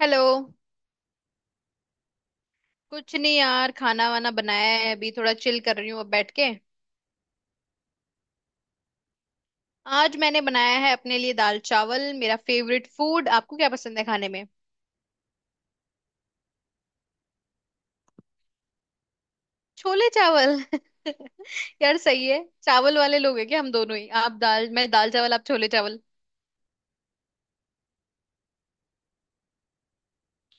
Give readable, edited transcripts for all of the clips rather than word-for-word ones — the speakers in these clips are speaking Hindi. हेलो। कुछ नहीं यार, खाना वाना बनाया है, अभी थोड़ा चिल कर रही हूँ अब बैठ के। आज मैंने बनाया है अपने लिए दाल चावल, मेरा फेवरेट फूड। आपको क्या पसंद है खाने में? छोले चावल। यार सही है, चावल वाले लोग हैं क्या हम दोनों ही? आप दाल, मैं दाल चावल, आप छोले चावल।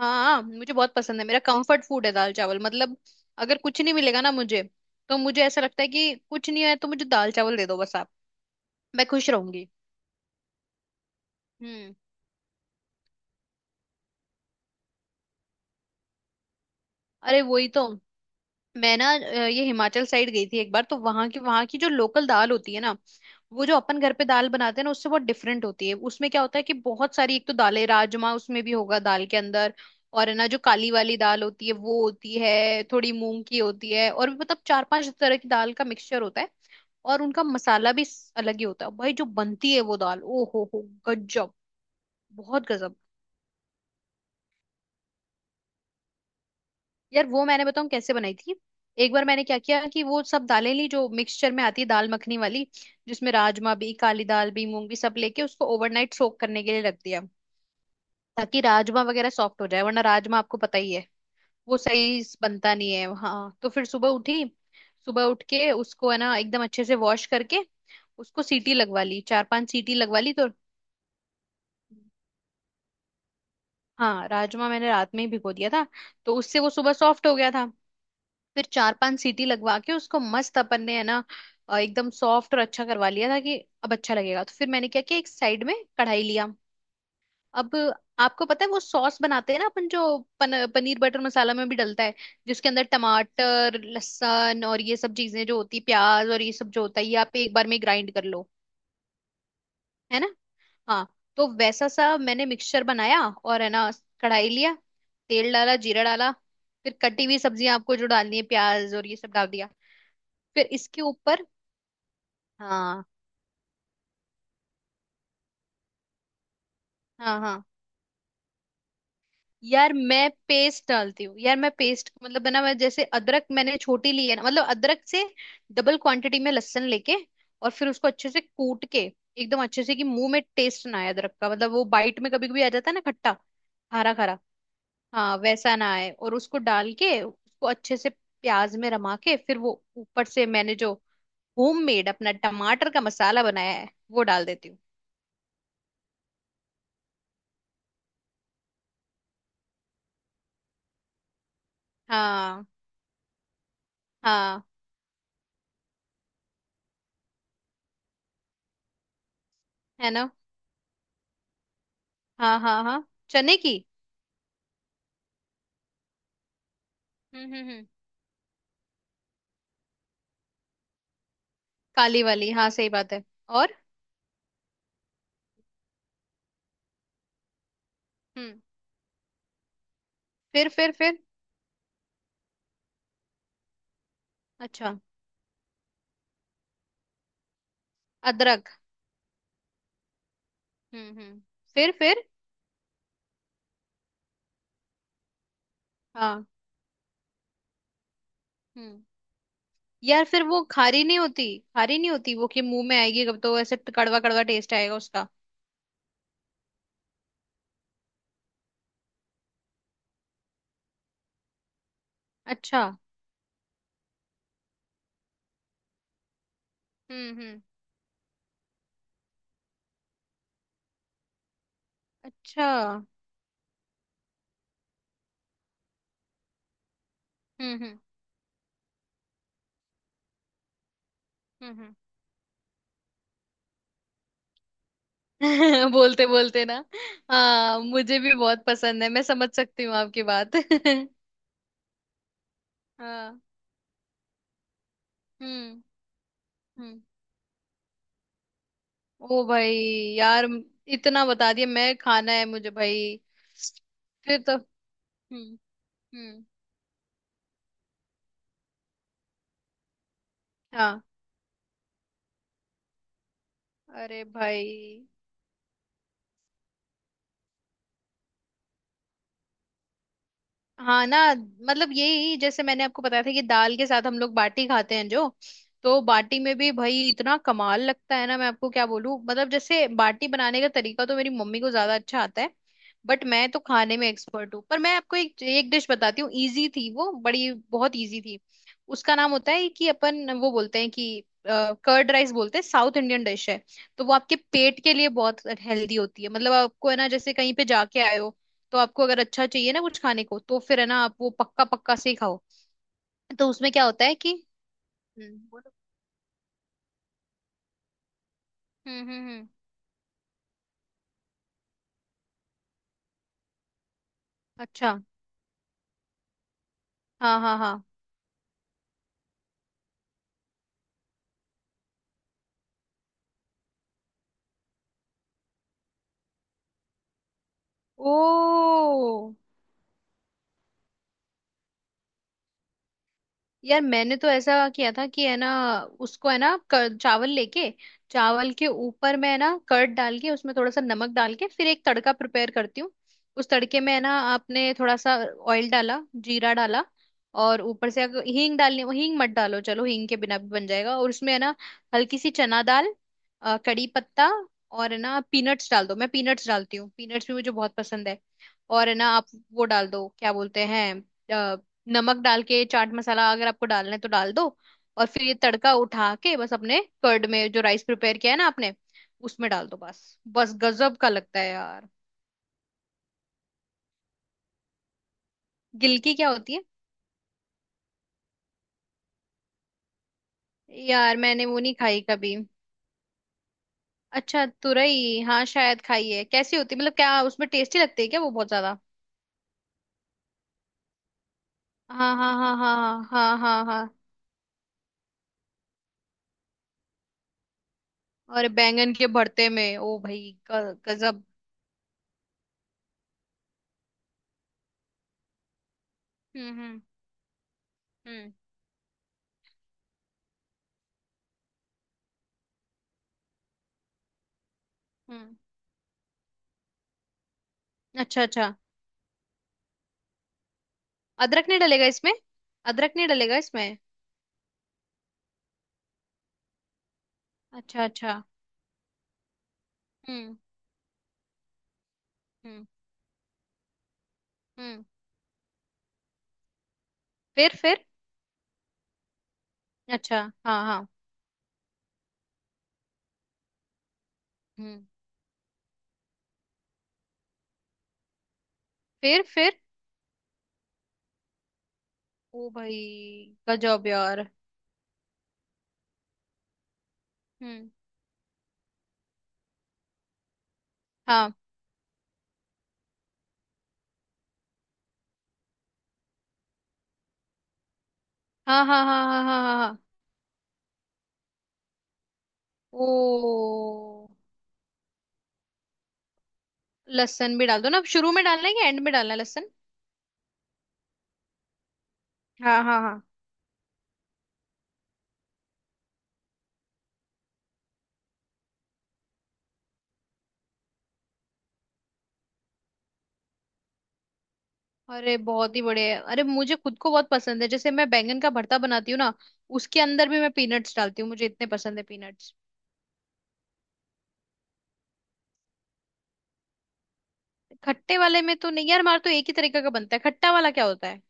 हाँ, मुझे बहुत पसंद है, मेरा कंफर्ट फूड है दाल चावल मतलब। अगर कुछ नहीं मिलेगा ना मुझे, तो मुझे ऐसा लगता है कि कुछ नहीं है तो मुझे दाल चावल दे दो बस आप। मैं खुश रहूंगी। हम्म। अरे वही तो। मैं ना, ये हिमाचल साइड गई थी एक बार, तो वहां की जो लोकल दाल होती है ना। वो जो अपन घर पे दाल बनाते हैं ना, उससे बहुत डिफरेंट होती है। उसमें क्या होता है कि बहुत सारी, एक तो दालें, राजमा उसमें भी होगा दाल के अंदर। और है ना, जो काली वाली दाल होती है वो होती है, थोड़ी मूंग की होती है, और भी मतलब चार पांच तरह की दाल का मिक्सचर होता है। और उनका मसाला भी अलग ही होता है भाई, जो बनती है वो दाल। ओ हो हो। गजब। बहुत गजब। यार वो मैंने बताऊं कैसे बनाई थी। एक बार मैंने क्या किया कि वो सब दालें ली जो मिक्सचर में आती है, दाल मखनी वाली। जिसमें राजमा भी, काली दाल भी, मूंग भी, सब लेके उसको ओवरनाइट सोक करने के लिए रख दिया। ताकि राजमा वगैरह सॉफ्ट हो जाए, वरना राजमा आपको पता ही है। वो सही से बनता नहीं है। हाँ, तो फिर सुबह उठी। सुबह उठ के उसको है ना एकदम अच्छे से वॉश करके। उसको सीटी लगवा ली, चार पांच सीटी लगवा ली तो। हाँ, राजमा मैंने रात में ही भिगो दिया था। तो उससे वो सुबह सॉफ्ट हो गया था। फिर चार पांच सीटी लगवा के उसको मस्त अपन ने है ना। एकदम सॉफ्ट और अच्छा करवा लिया था कि। अब अच्छा लगेगा, तो फिर मैंने क्या किया, एक साइड में कढ़ाई लिया। अब। आपको पता है वो सॉस बनाते हैं ना अपन, जो पनीर बटर मसाला में भी डलता है। जिसके अंदर टमाटर, लहसुन और ये सब चीजें जो होती है, प्याज और ये सब जो होता है, ये आप एक बार में ग्राइंड कर लो। है ना। हाँ। तो वैसा सा मैंने मिक्सचर बनाया, और है ना। कढ़ाई लिया। तेल डाला, जीरा डाला। फिर कटी हुई सब्जियां आपको जो डालनी है, प्याज और ये सब डाल दिया। फिर इसके ऊपर। हाँ, हाँ, हाँ। यार मैं पेस्ट डालती हूँ, यार मैं पेस्ट मतलब बना, मैं जैसे अदरक मैंने छोटी ली है ना, मतलब अदरक से डबल क्वांटिटी में लहसुन लेके। और फिर उसको अच्छे से कूट के, एकदम अच्छे से कि मुंह में टेस्ट ना आए अदरक का, मतलब वो बाइट में कभी कभी आ जाता है ना, खट्टा। हरा खरा। हाँ, वैसा ना आए, और उसको डाल के उसको अच्छे से प्याज में रमा के, फिर वो ऊपर से मैंने जो होम मेड अपना टमाटर का मसाला बनाया है, वो डाल देती हूँ। हाँ, हाँ। है ना। हाँ, हाँ, हाँ, चने की। हम्म, हम्म, हम्म। काली वाली, हाँ, सही बात है। और। हम्म। फिर। अच्छा। अदरक। हम्म, हम्म। फिर। हाँ। हम्म। यार, फिर वो खारी नहीं होती। खारी नहीं होती वो, कि मुंह में आएगी कब तो ऐसे कड़वा कड़वा टेस्ट आएगा उसका। अच्छा। हम्म, हम्म। अच्छा। हम्म, हम्म, हम्म, हम्म। बोलते बोलते ना। हाँ, मुझे भी बहुत पसंद है, मैं समझ सकती हूँ आपकी बात। हाँ। हम्म, हम्म। ओ भाई। यार इतना बता दिया, मैं खाना है मुझे भाई। फिर तो। हम्म, हम्म। हाँ। अरे भाई। हाँ ना, मतलब यही जैसे मैंने आपको बताया था कि दाल के साथ हम लोग बाटी खाते हैं जो। तो बाटी में भी भाई इतना कमाल लगता है ना, मैं आपको क्या बोलूं। मतलब जैसे बाटी बनाने का तरीका तो मेरी मम्मी को ज्यादा अच्छा आता है। बट मैं तो खाने में एक्सपर्ट हूँ, पर मैं आपको एक एक डिश बताती हूँ। इजी थी वो, बड़ी बहुत इजी थी। उसका नाम होता है कि अपन वो बोलते हैं कि, कर्ड राइस बोलते हैं, साउथ इंडियन डिश है। तो वो आपके पेट के लिए बहुत हेल्दी होती है, मतलब आपको है ना, जैसे कहीं पे जाके आए हो, तो आपको अगर अच्छा चाहिए ना कुछ खाने को तो फिर है ना आप वो पक्का पक्का से ही खाओ। तो उसमें क्या होता है कि। हम्म, बोलो। हम्म, हम्म, हम्म। अच्छा। हाँ, हाँ, हाँ। ओ। यार मैंने तो ऐसा किया था कि, है ना, उसको है ना, चावल लेके। चावल के ऊपर मैं है ना कर्ड डाल के, उसमें थोड़ा सा नमक डाल के, फिर एक तड़का प्रिपेयर करती हूँ। उस तड़के में है ना, आपने थोड़ा सा ऑयल डाला, जीरा डाला। और ऊपर से अगर हींग डालनी हो, हींग मत डालो चलो, हींग के बिना भी बन जाएगा, और उसमें है ना हल्की सी चना दाल, कड़ी पत्ता। और है ना, पीनट्स डाल दो, मैं पीनट्स डालती हूँ, पीनट्स भी मुझे बहुत पसंद है। और है ना आप वो डाल दो, क्या बोलते हैं, नमक डाल के चाट मसाला अगर आपको डालना है तो डाल दो। और फिर ये तड़का उठा के बस अपने कर्ड में जो राइस प्रिपेयर किया है ना आपने, उसमें डाल दो बस। बस गजब का लगता है यार। गिलकी क्या होती है? यार मैंने वो नहीं खाई कभी। अच्छा, तुरई, हाँ शायद खाई है। कैसी होती है? मतलब क्या उसमें टेस्टी लगती है क्या वो बहुत ज्यादा? हाँ, हाँ, हाँ, हाँ, हाँ, हाँ, हाँ। और बैंगन के भरते में, ओ भाई, गजब। हम्म, हम्म, हम्म, हम्म। अच्छा, अच्छा। अदरक नहीं डलेगा इसमें? अदरक नहीं डलेगा इसमें? अच्छा, अच्छा। हम्म, हम्म, हम्म। फिर। अच्छा। हाँ, हाँ। हम्म। फिर। ओ भाई, गजब यार। हम्म। हाँ, हाँ, हाँ, हाँ, हाँ, हाँ, हाँ, हाँ। ओ, लहसुन भी डाल दो ना, अब शुरू में डालना है या एंड में डालना है लहसुन? हाँ, हाँ, हाँ। अरे बहुत ही बढ़िया है। अरे मुझे खुद को बहुत पसंद है, जैसे मैं बैंगन का भरता बनाती हूँ ना, उसके अंदर भी मैं पीनट्स डालती हूँ, मुझे इतने पसंद है पीनट्स। खट्टे वाले में तो नहीं यार, हमारा तो एक ही तरीके का बनता है। खट्टा वाला क्या होता है?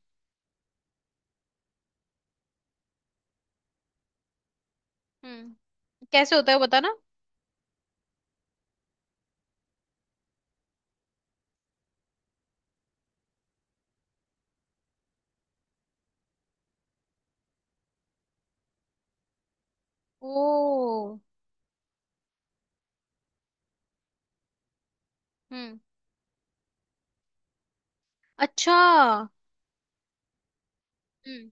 हम्म। कैसे होता है वो बताना। ओ। हम्म। अच्छा। हम्म।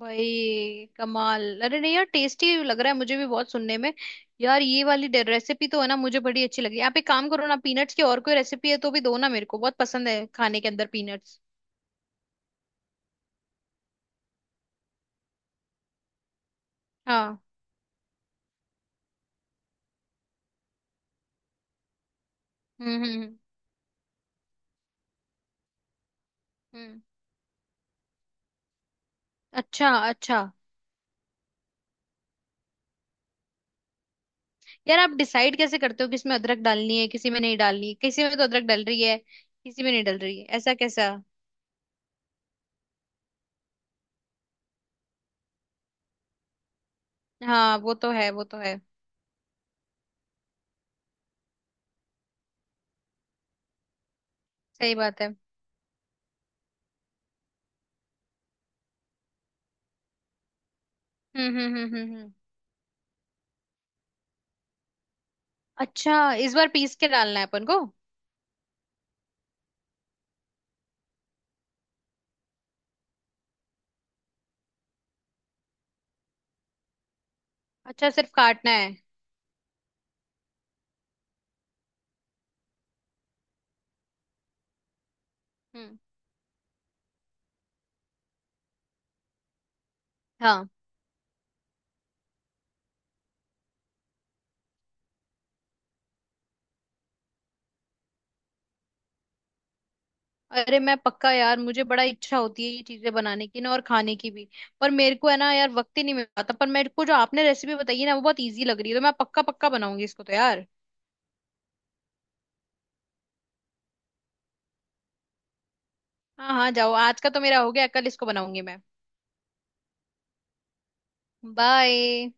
भाई कमाल। अरे नहीं यार, टेस्टी लग रहा है मुझे भी बहुत सुनने में। यार ये वाली रेसिपी तो है ना मुझे बड़ी अच्छी लगी। आप एक काम करो ना, पीनट्स की और कोई रेसिपी है तो भी दो ना, मेरे को बहुत पसंद है खाने के अंदर पीनट्स। हाँ। हम्म, हम्म, हम्म। अच्छा, अच्छा। यार आप डिसाइड कैसे करते हो किसमें अदरक डालनी है, किसी में नहीं डालनी है? किसी में तो अदरक डल रही है, किसी में नहीं डल रही है, ऐसा कैसा? हाँ, वो तो है वो तो है, सही बात है। हम्म, हम्म, हम्म, हम्म, अच्छा, इस बार पीस के डालना है अपन को। अच्छा, सिर्फ काटना है। हम्म। हाँ। अरे मैं पक्का यार, मुझे बड़ा इच्छा होती है ये चीजें बनाने की ना, और खाने की भी। पर मेरे को है ना यार वक्त ही नहीं मिल पाता। पर मेरे को जो आपने रेसिपी बताई है ना, वो बहुत इजी लग रही है, तो मैं पक्का पक्का बनाऊंगी इसको तो यार। हाँ, हाँ, जाओ। आज का तो मेरा हो गया, कल इसको बनाऊंगी मैं। बाय।